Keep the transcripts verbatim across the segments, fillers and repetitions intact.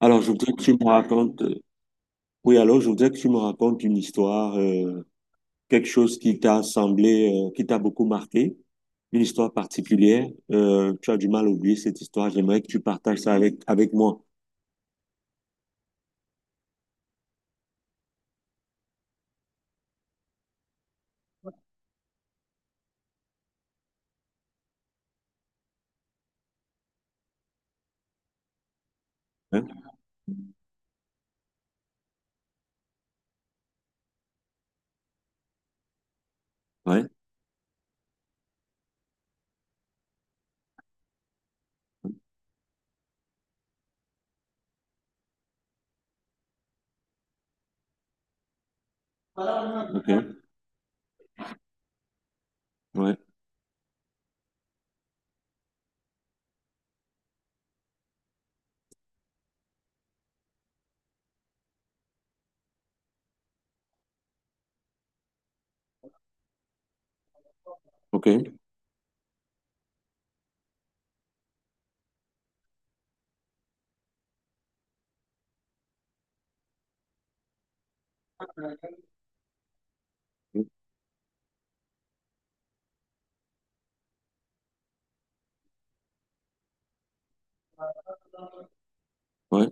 Alors, je voudrais que tu me racontes, euh, oui, alors, je voudrais que tu me racontes une histoire, euh, quelque chose qui t'a semblé, euh, qui t'a beaucoup marqué, une histoire particulière. Euh, tu as du mal à oublier cette histoire. J'aimerais que tu partages ça avec, avec moi. Hein? Ouais, ok, ouais, ok, ouais,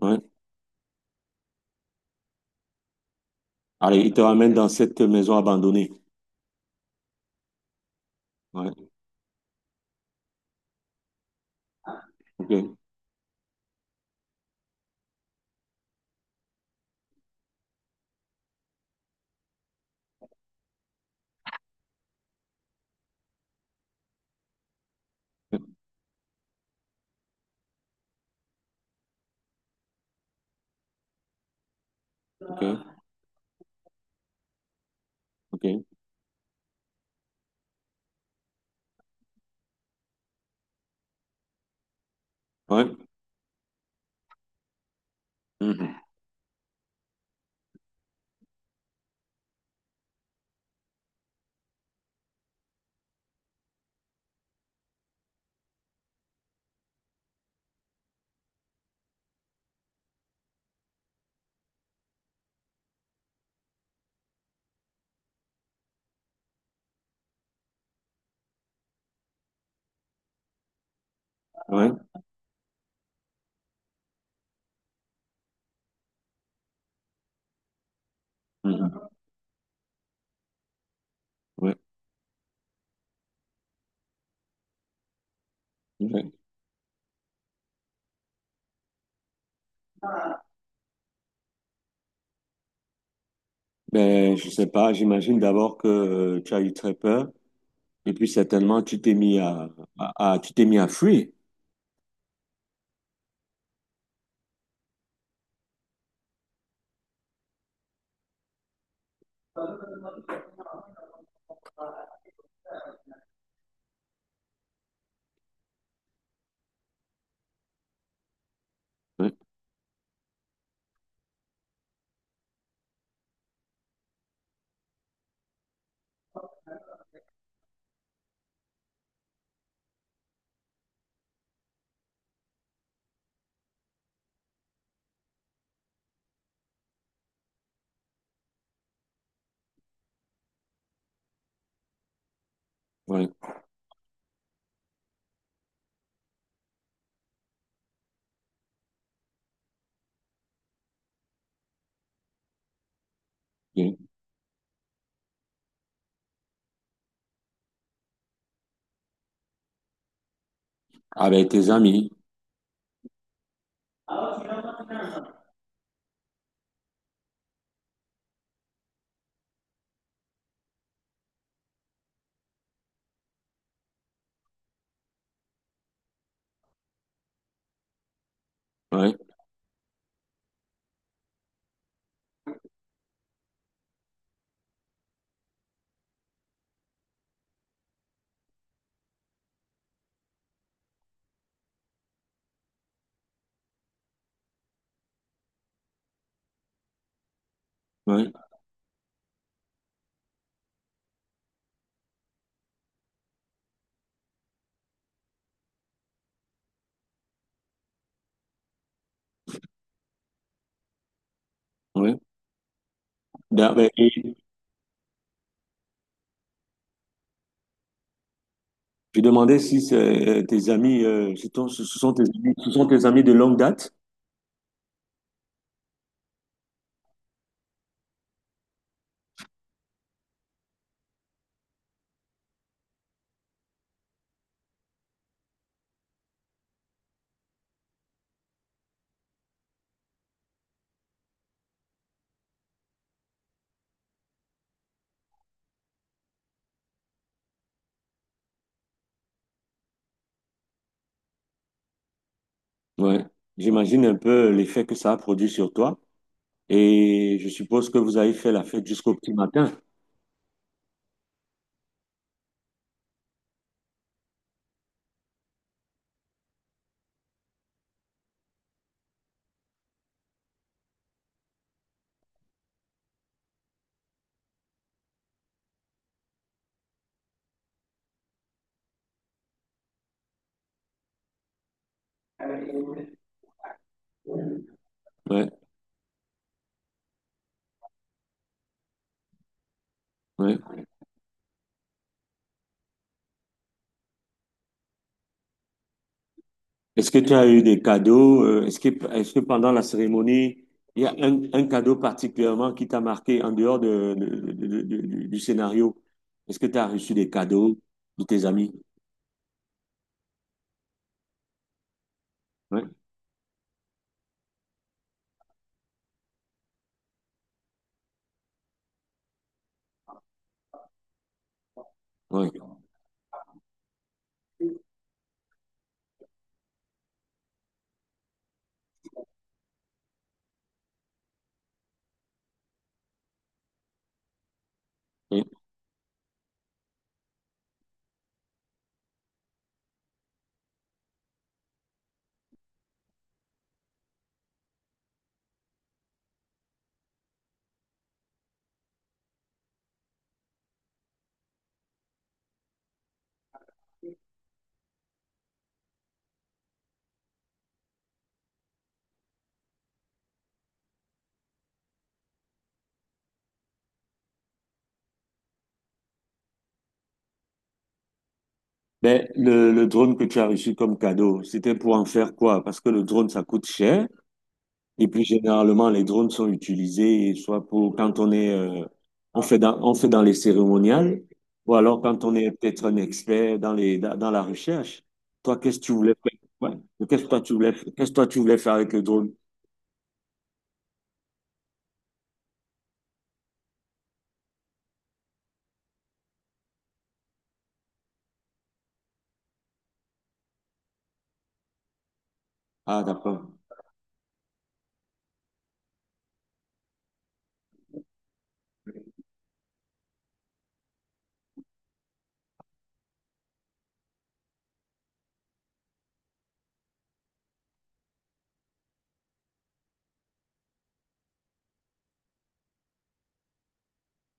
ouais. Allez, il te ramène dans cette maison abandonnée. Ouais, ok, ok, ok, ouais, mhm, ouais, mhm, ouais. Ouais. Ben, je sais pas, j'imagine d'abord que euh, tu as eu très peur. Et puis certainement, tu t'es mis à, à- à- tu t'es mis à fuir. Ouais, ouais, ouais. Avec tes amis. Ouais, ouais, ouais. Da- ben, et je demandais si c'est, euh, tes amis, euh, ce sont ce sont tes amis, ce sont tes amis de longue date. Ouais. J'imagine un peu l'effet que ça a produit sur toi. Et je suppose que vous avez fait la fête jusqu'au petit matin. Ouais, ouais. Est-ce que tu as eu des cadeaux? euh, Est-ce que, est-ce que pendant la cérémonie, il y a un, un cadeau particulièrement qui t'a marqué en dehors de, de- de- de- de- du du scénario? Est-ce que tu as reçu des cadeaux de tes amis? Ouais, ouais. Ouais. Ben, le, le drone que tu as reçu comme cadeau, c'était pour en faire quoi? Parce que le drone, ça coûte cher. Et puis généralement, les drones sont utilisés soit pour quand on est, euh, on fait dans, on fait dans les cérémoniales, ou alors quand on est peut-être un expert dans les, dans, dans la recherche. Toi, qu'est-ce que tu voulais faire? Ouais. Qu'est-ce que toi tu voulais, qu'est-ce que toi tu voulais faire avec le drone? Ah, d'accord.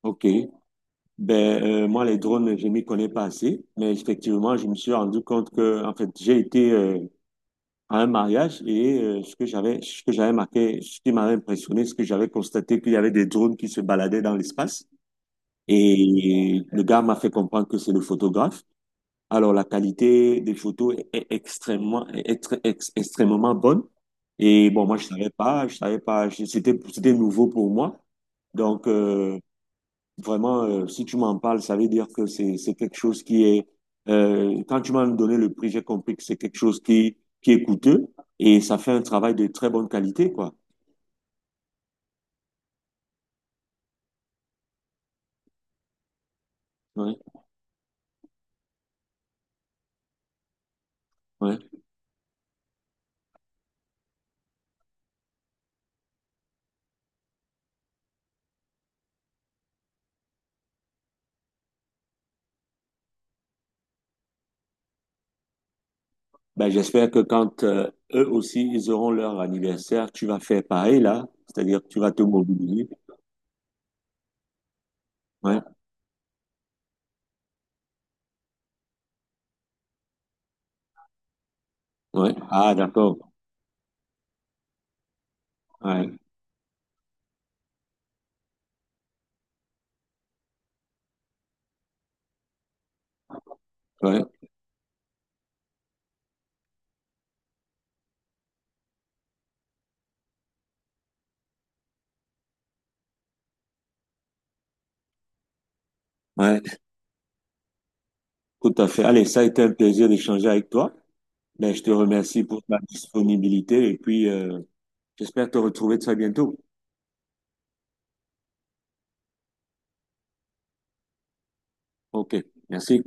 OK. Ben, euh, moi, les drones, je m'y connais pas assez, mais effectivement, je me suis rendu compte que, en fait, j'ai été euh, à un mariage et euh, ce que j'avais, ce que j'avais marqué, ce qui m'avait impressionné, ce que j'avais constaté, qu'il y avait des drones qui se baladaient dans l'espace. Et le gars m'a fait comprendre que c'est le photographe. Alors, la qualité des photos est extrêmement, est extré- ex- extrêmement bonne. Et bon, moi, je savais pas, je savais pas, je- c'était, c'était nouveau pour moi. Donc, euh, vraiment, euh, si tu m'en parles, ça veut dire que c'est, c'est quelque chose qui est, euh, quand tu m'as donné le prix, j'ai compris que c'est quelque chose qui, qui est coûteux et ça fait un travail de très bonne qualité, quoi. Ouais, ouais. Ben, j'espère que quand euh, eux aussi, ils auront leur anniversaire, tu vas faire pareil là, c'est-à-dire que tu vas te mobiliser. Ouais, ouais. Ah, d'accord. Ouais, ouais, ouais. Tout à fait. Allez, ça a été un plaisir d'échanger avec toi. Ben, je te remercie pour ta disponibilité et puis euh, j'espère te retrouver très bientôt. OK, merci.